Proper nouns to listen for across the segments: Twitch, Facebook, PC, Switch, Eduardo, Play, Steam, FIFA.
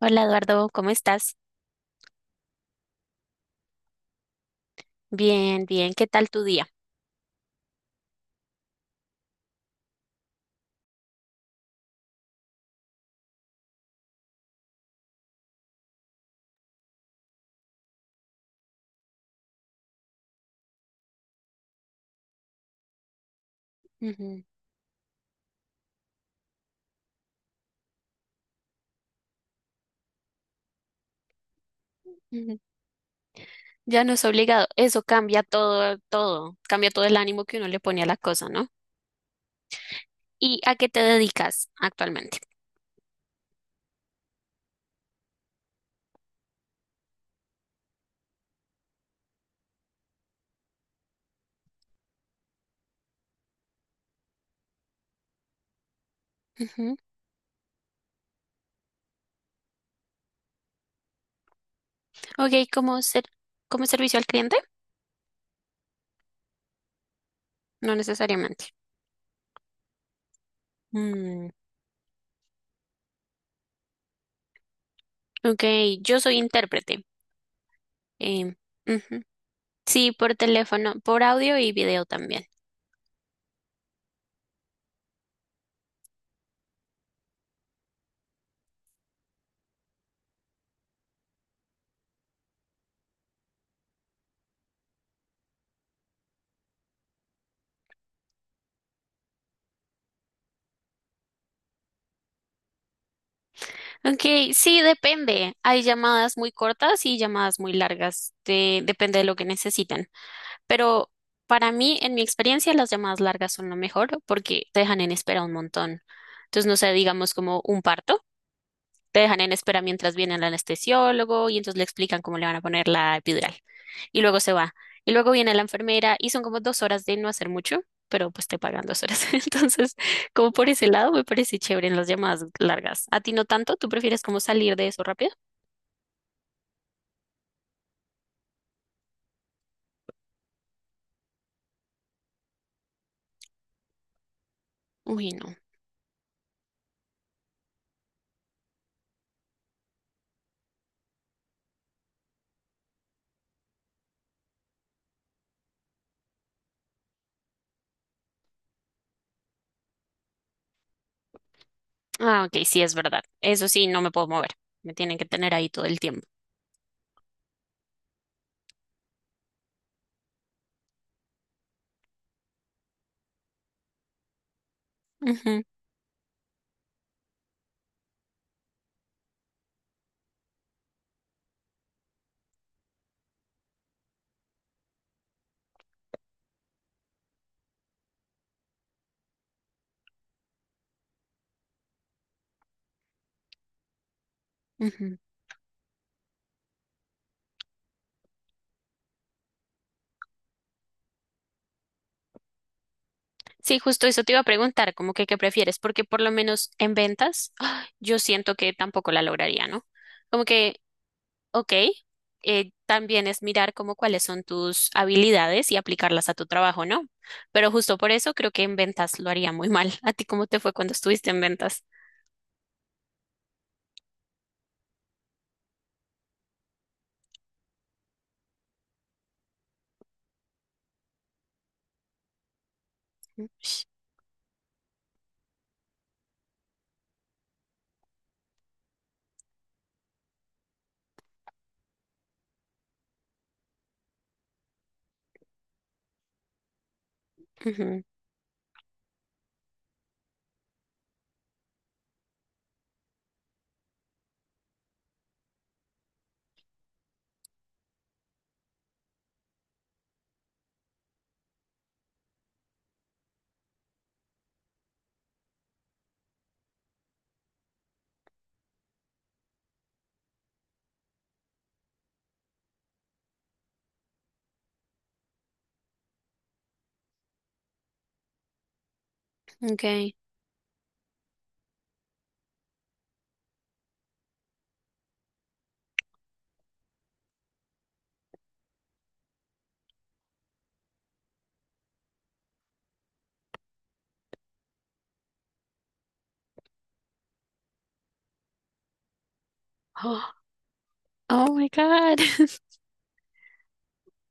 Hola Eduardo, ¿cómo estás? Bien, bien, ¿qué tal tu día? Ujú, ujú. Ya no es obligado, eso cambia todo, todo, cambia todo el ánimo que uno le pone a la cosa, ¿no? ¿Y a qué te dedicas actualmente? Ujú. Ok, ¿como ser, como servicio al cliente? No necesariamente. Mm, ok, yo soy intérprete. em, Ujú. Sí, por teléfono, por audio y video también. Ok, sí, depende. Hay llamadas muy cortas y llamadas muy largas. Depende de lo que necesitan. Pero para mí, en mi experiencia, las llamadas largas son lo mejor porque te dejan en espera un montón. Entonces, no sé, digamos como un parto, te dejan en espera mientras viene el anestesiólogo y entonces le explican cómo le van a poner la epidural. Y luego se va. Y luego viene la enfermera y son como dos horas de no hacer mucho, pero pues te pagan 2 horas. Entonces, como por ese lado, me parece chévere en las llamadas largas. ¿A ti no tanto? ¿Tú prefieres como salir de eso rápido? Uy, no. Ah, ok, sí, es verdad. Eso sí, no me puedo mover. Me tienen que tener ahí todo el tiempo. Ujú. Ujú. Sí, justo eso te iba a preguntar, como que qué prefieres, porque por lo menos en ventas, ¡ah!, yo siento que tampoco la lograría, ¿no? Como que, ok, también es mirar como cuáles son tus habilidades y aplicarlas a tu trabajo, ¿no? Pero justo por eso creo que en ventas lo haría muy mal. ¿A ti cómo te fue cuando estuviste en ventas? Ush, ujú. Okay. Oh, oh my God.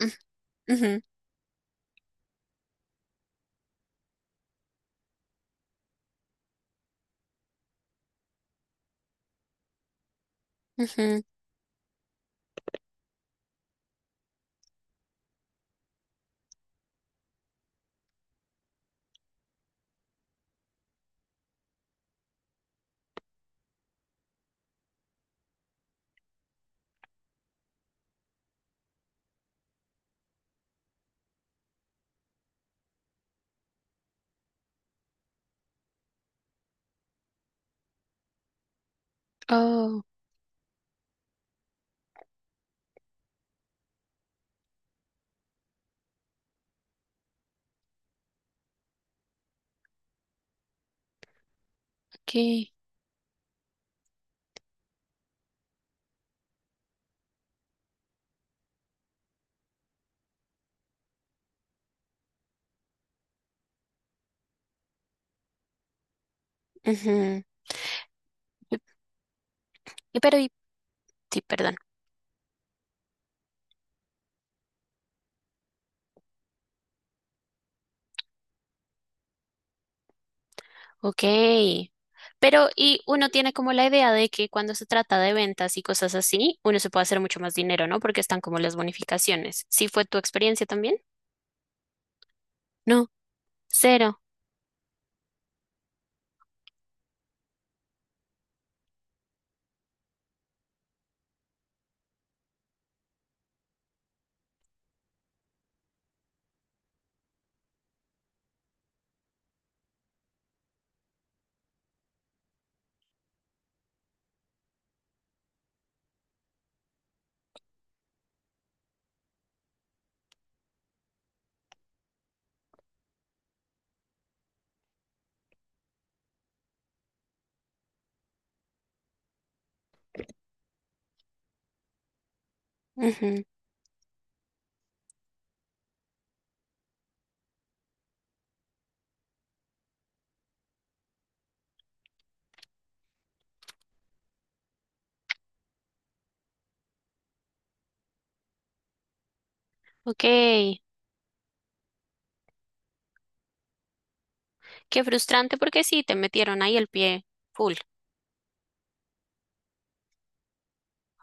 Ujú, ujú. Oh, okay. Ujú. Y... Pero, y... sí, perdón. Ok. Pero, y uno tiene como la idea de que cuando se trata de ventas y cosas así, uno se puede hacer mucho más dinero, ¿no? Porque están como las bonificaciones. ¿Sí fue tu experiencia también? No, cero. Ujú. Ok. Qué frustrante porque sí, te metieron ahí el pie full.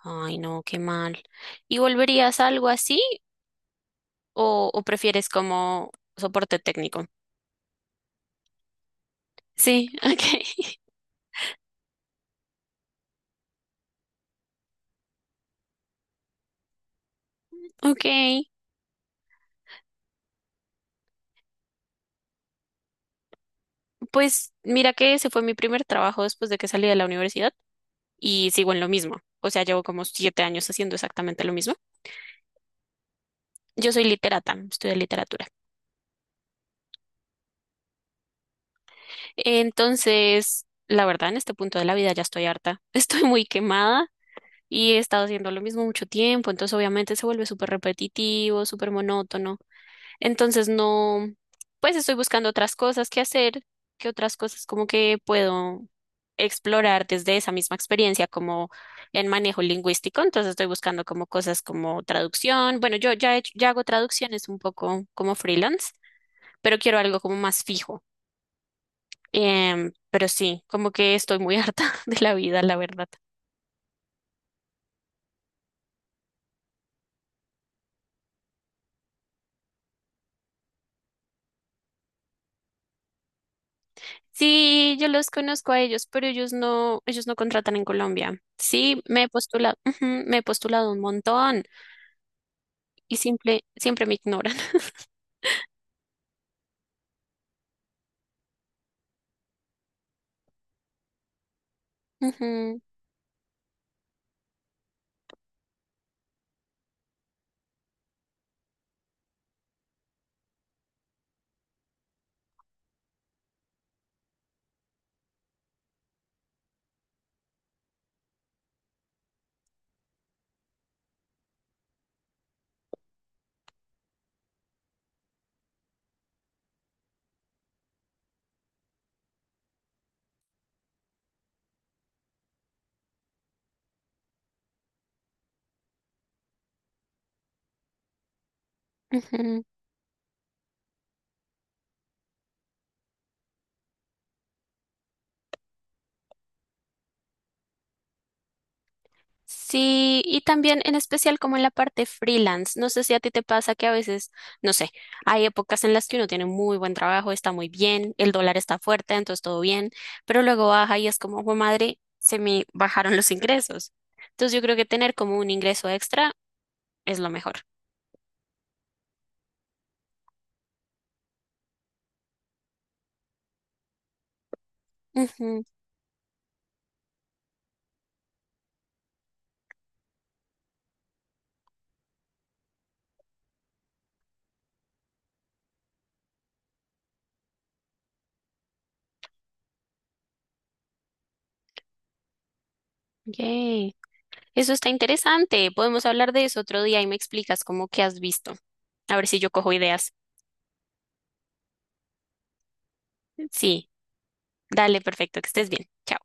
Ay, no, qué mal. ¿Y volverías a algo así o prefieres como soporte técnico? Sí, ok. Ok. Pues mira que ese fue mi primer trabajo después de que salí de la universidad. Y sigo en lo mismo. O sea, llevo como 7 años haciendo exactamente lo mismo. Yo soy literata, estudio literatura. Entonces, la verdad, en este punto de la vida ya estoy harta. Estoy muy quemada y he estado haciendo lo mismo mucho tiempo. Entonces, obviamente, se vuelve súper repetitivo, súper monótono. Entonces no, pues estoy buscando otras cosas que hacer, que otras cosas como que puedo explorar desde esa misma experiencia como en manejo lingüístico. Entonces estoy buscando como cosas como traducción. Bueno, yo ya, ya hago traducciones un poco como freelance, pero quiero algo como más fijo. Pero sí, como que estoy muy harta de la vida, la verdad. Sí, yo los conozco a ellos, pero ellos no contratan en Colombia. Sí, me he postulado, ujú, me he postulado un montón. Y simple, siempre me ignoran. Ujú, ujú. Sí, y también en especial como en la parte freelance. No sé si a ti te pasa que a veces, no sé, hay épocas en las que uno tiene muy buen trabajo, está muy bien, el dólar está fuerte, entonces todo bien, pero luego baja y es como, "Jue madre, se me bajaron los ingresos". Entonces yo creo que tener como un ingreso extra es lo mejor. Ujú. Yay. Eso está interesante. Podemos hablar de eso otro día y me explicas cómo que has visto. A ver si yo cojo ideas. Sí. Dale, perfecto, que estés bien. Chao.